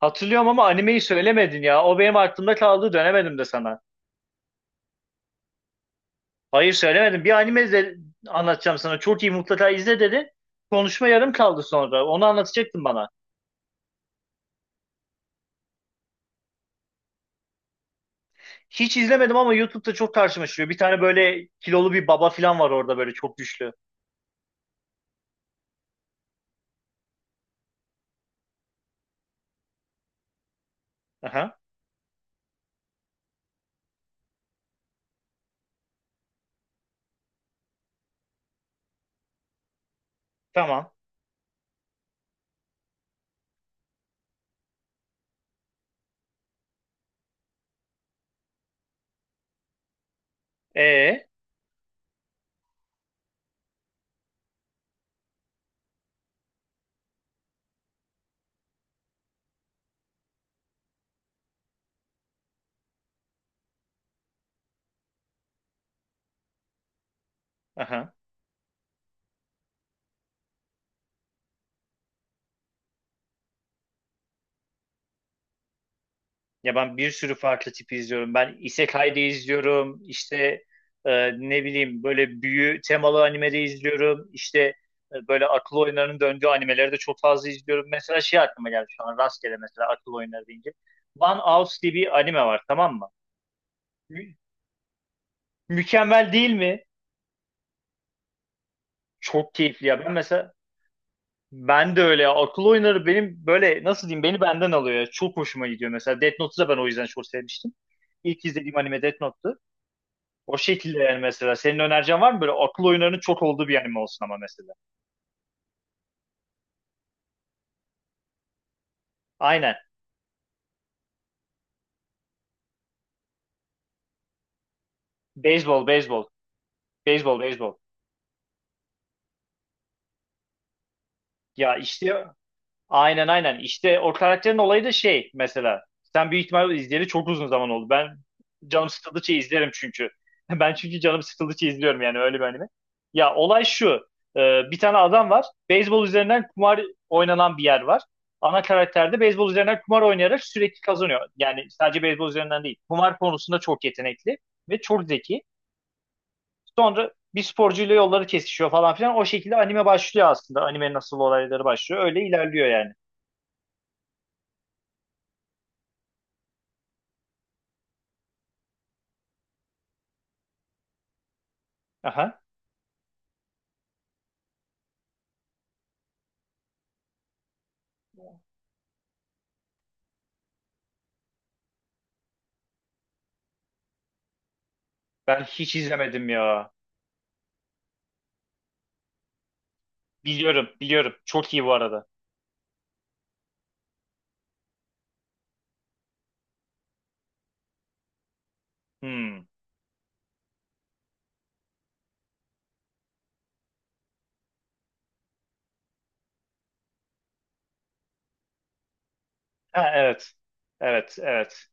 Hatırlıyorum ama animeyi söylemedin ya. O benim aklımda kaldı dönemedim de sana. Hayır söylemedim. Bir anime izle, anlatacağım sana. Çok iyi mutlaka izle dedin. Konuşma yarım kaldı sonra. Onu anlatacaktın bana. Hiç izlemedim ama YouTube'da çok karşıma çıkıyor. Bir tane böyle kilolu bir baba falan var orada böyle çok güçlü. Aha, tamam. Ee. Aha. Ya ben bir sürü farklı tipi izliyorum. Ben Isekai'de izliyorum. İşte ne bileyim böyle büyü temalı animede izliyorum. İşte böyle akıl oyunlarının döndüğü animeleri de çok fazla izliyorum. Mesela şey aklıma geldi şu an rastgele mesela akıl oyunları deyince. One House diye bir anime var, tamam mı? Mü- mükemmel değil mi? Çok keyifli ya. Ben mesela ben de öyle ya. Akıl oyunları benim böyle nasıl diyeyim beni benden alıyor ya. Çok hoşuma gidiyor mesela. Death Note'u da ben o yüzden çok sevmiştim. İlk izlediğim anime Death Note'tu. O şekilde yani mesela. Senin önereceğin var mı böyle akıl oyunlarının çok olduğu bir anime olsun ama mesela. Aynen. Beyzbol, beyzbol. Beyzbol, beyzbol. Ya işte aynen aynen. İşte o karakterin olayı da şey mesela. Sen büyük ihtimalle izleyeli çok uzun zaman oldu. Ben canım sıkıldıkça izlerim çünkü. Ben çünkü canım sıkıldıkça izliyorum yani öyle bir anime. Ya olay şu. Bir tane adam var. Beyzbol üzerinden kumar oynanan bir yer var. Ana karakter de beyzbol üzerinden kumar oynayarak sürekli kazanıyor. Yani sadece beyzbol üzerinden değil. Kumar konusunda çok yetenekli ve çok zeki. Sonra bir sporcuyla yolları kesişiyor falan filan. O şekilde anime başlıyor aslında. Anime nasıl olayları başlıyor. Öyle ilerliyor yani. Aha. Ben hiç izlemedim ya. Biliyorum, biliyorum. Çok iyi bu arada. Hmm. Ha, evet. Evet, evet.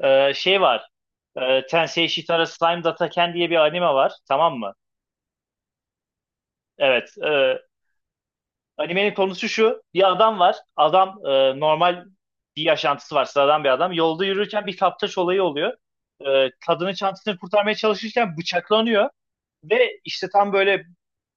Şey var. Tensei Shitara Slime Dataken diye bir anime var. Tamam mı? Evet. Animenin konusu şu. Bir adam var. Adam normal bir yaşantısı var. Sıradan bir adam. Yolda yürürken bir kaptaş olayı oluyor. Kadının çantasını kurtarmaya çalışırken bıçaklanıyor. Ve işte tam böyle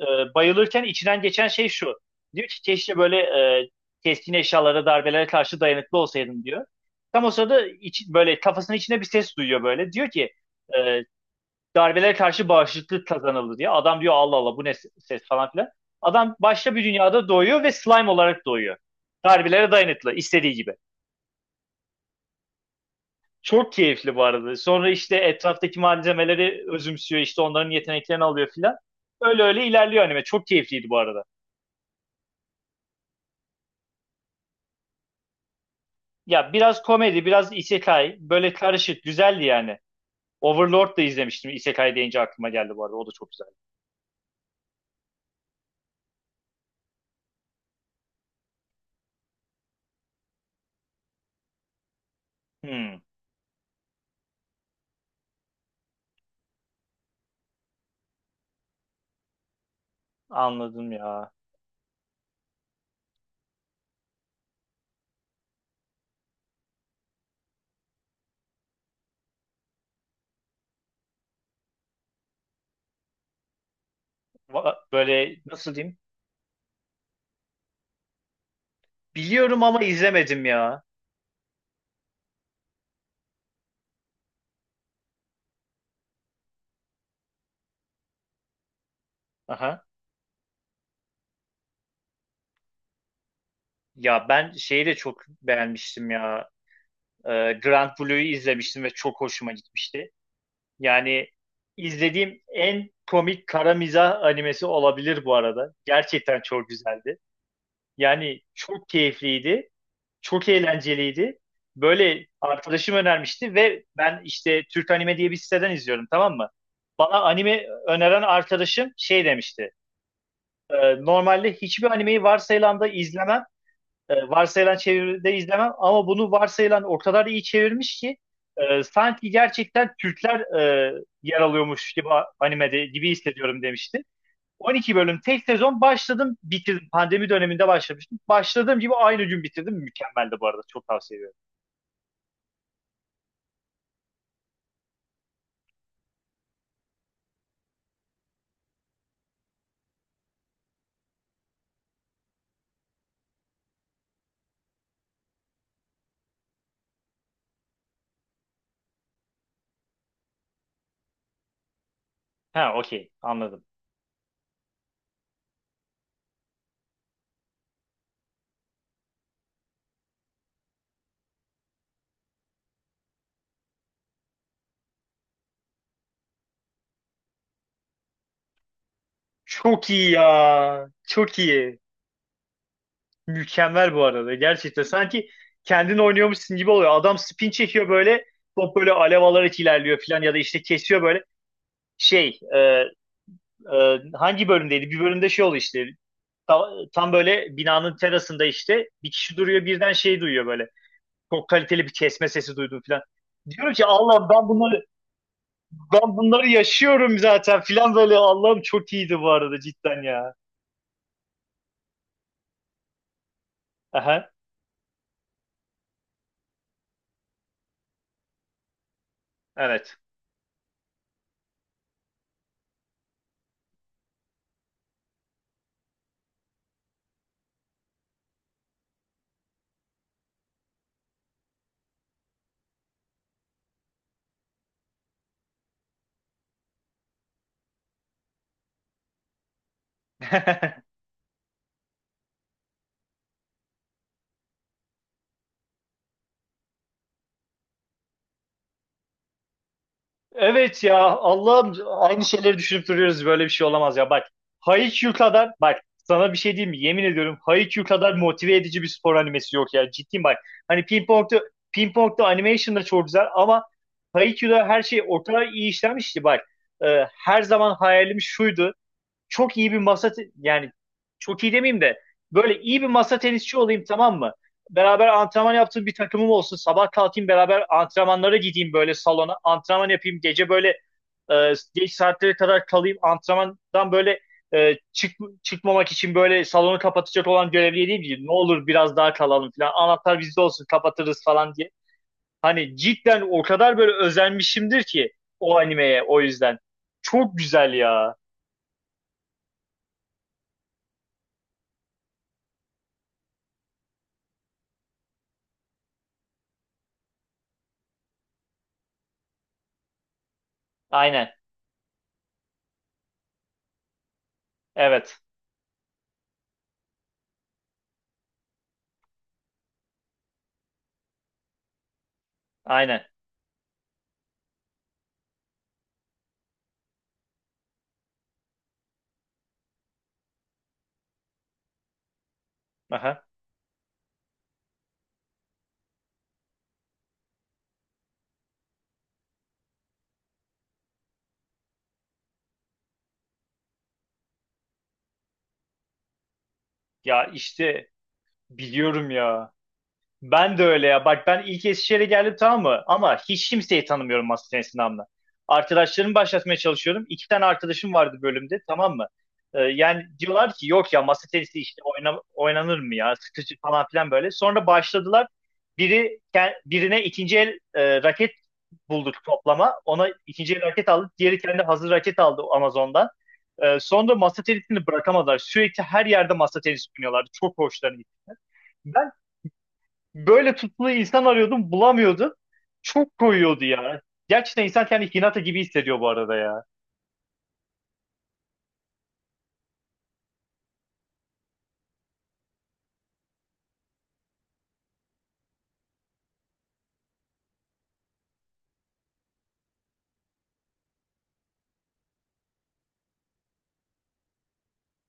e, bayılırken içinden geçen şey şu. Diyor ki keşke böyle keskin eşyalara, darbelere karşı dayanıklı olsaydım diyor. Tam o sırada böyle kafasının içinde bir ses duyuyor böyle. Diyor ki e, darbelere karşı bağışıklık kazanıldı diye. Adam diyor Allah Allah bu ne ses falan filan. Adam başka bir dünyada doğuyor ve slime olarak doğuyor. Darbelere dayanıklı istediği gibi. Çok keyifli bu arada. Sonra işte etraftaki malzemeleri özümsüyor işte onların yeteneklerini alıyor filan. Öyle öyle ilerliyor anime. Çok keyifliydi bu arada. Ya biraz komedi, biraz isekai. Böyle karışık. Güzeldi yani. Overlord da izlemiştim. Isekai deyince aklıma geldi bu arada. O da çok güzeldi. Hmm, anladım ya. Böyle nasıl diyeyim? Biliyorum ama izlemedim ya. Aha. Ya ben şeyi de çok beğenmiştim ya. Grand Blue'yu izlemiştim ve çok hoşuma gitmişti. Yani izlediğim en komik kara mizah animesi olabilir bu arada. Gerçekten çok güzeldi. Yani çok keyifliydi. Çok eğlenceliydi. Böyle arkadaşım önermişti ve ben işte Türk Anime diye bir siteden izliyorum, tamam mı? Bana anime öneren arkadaşım şey demişti. "E, normalde hiçbir animeyi varsayılanda izlemem. E, varsayılan çeviride izlemem ama bunu varsayılan o kadar iyi çevirmiş ki sanki gerçekten Türkler e, yer alıyormuş gibi animede gibi hissediyorum demişti. 12 bölüm tek sezon başladım bitirdim. Pandemi döneminde başlamıştım. Başladığım gibi aynı gün bitirdim. Mükemmeldi bu arada. Çok tavsiye ediyorum. Ha, okey, anladım. Çok iyi ya. Çok iyi. Mükemmel bu arada. Gerçekten sanki kendin oynuyormuşsun gibi oluyor. Adam spin çekiyor böyle. Top böyle alev alarak ilerliyor falan ya da işte kesiyor böyle. Şey e, hangi bölümdeydi? Bir bölümde şey oldu işte. Tam böyle binanın terasında işte bir kişi duruyor birden şey duyuyor böyle. Çok kaliteli bir kesme sesi duydum falan. Diyorum ki Allah'ım ben bunları ben bunları yaşıyorum zaten falan böyle. Allah'ım çok iyiydi bu arada cidden ya. Aha, evet. Evet ya Allah'ım aynı şeyleri düşünüp duruyoruz böyle bir şey olamaz ya bak Haikyuu kadar bak sana bir şey diyeyim mi yemin ediyorum Haikyuu kadar motive edici bir spor animesi yok ya ciddiyim bak hani Ping Pong'da animation da çok güzel ama Haikyuu'da her şey o kadar iyi işlenmişti bak. Her zaman hayalim şuydu, çok iyi bir yani çok iyi demeyeyim de böyle iyi bir masa tenisçi olayım, tamam mı? Beraber antrenman yaptığım bir takımım olsun. Sabah kalkayım beraber antrenmanlara gideyim böyle salona. Antrenman yapayım. Gece böyle geç saatlere kadar kalayım. Antrenmandan böyle e, çık, çıkmamak için böyle salonu kapatacak olan görevliye diyeyim ki ne olur biraz daha kalalım falan. Anahtar bizde olsun kapatırız falan diye. Hani cidden o kadar böyle özenmişimdir ki o animeye o yüzden. Çok güzel ya. Aynen. Evet. Aynen. Aha. Ya işte biliyorum ya. Ben de öyle ya. Bak ben ilk Eskişehir'e geldim, tamam mı? Ama hiç kimseyi tanımıyorum masa tenisini anla. Arkadaşlarımı başlatmaya çalışıyorum. İki tane arkadaşım vardı bölümde, tamam mı? Yani diyorlar ki yok ya masa tenisi işte oynanır mı ya? Sıkıcı falan filan böyle. Sonra başladılar. Birine ikinci el raket bulduk toplama. Ona ikinci el raket aldı. Diğeri kendi hazır raket aldı Amazon'dan. Sonra masa tenisini bırakamadılar. Sürekli her yerde masa tenisi oynuyorlardı. Çok hoşlarına gitti. Ben böyle tutkulu insan arıyordum, bulamıyordum. Çok koyuyordu ya. Gerçekten insan kendi Hinata gibi hissediyor bu arada ya.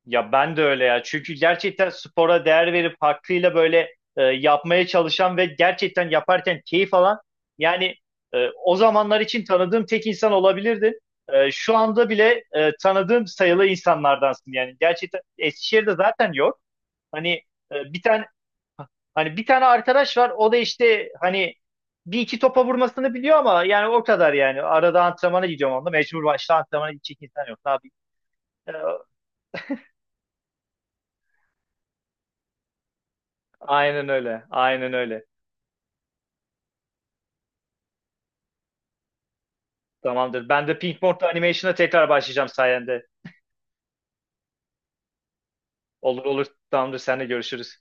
Ya ben de öyle ya. Çünkü gerçekten spora değer verip hakkıyla böyle yapmaya çalışan ve gerçekten yaparken keyif alan yani o zamanlar için tanıdığım tek insan olabilirdin. Şu anda bile tanıdığım sayılı insanlardansın yani. Gerçekten Eskişehir'de zaten yok. Hani e, bir tane hani bir tane arkadaş var. O da işte hani bir iki topa vurmasını biliyor ama yani o kadar yani. Arada antrenmana gidiyorum onunla. Mecbur başta antrenmana gidecek insan yok. Tabii. E, aynen öyle. Aynen öyle. Tamamdır. Ben de Pink Morton Animation'a tekrar başlayacağım sayende. Olur olur. Tamamdır. Seninle görüşürüz.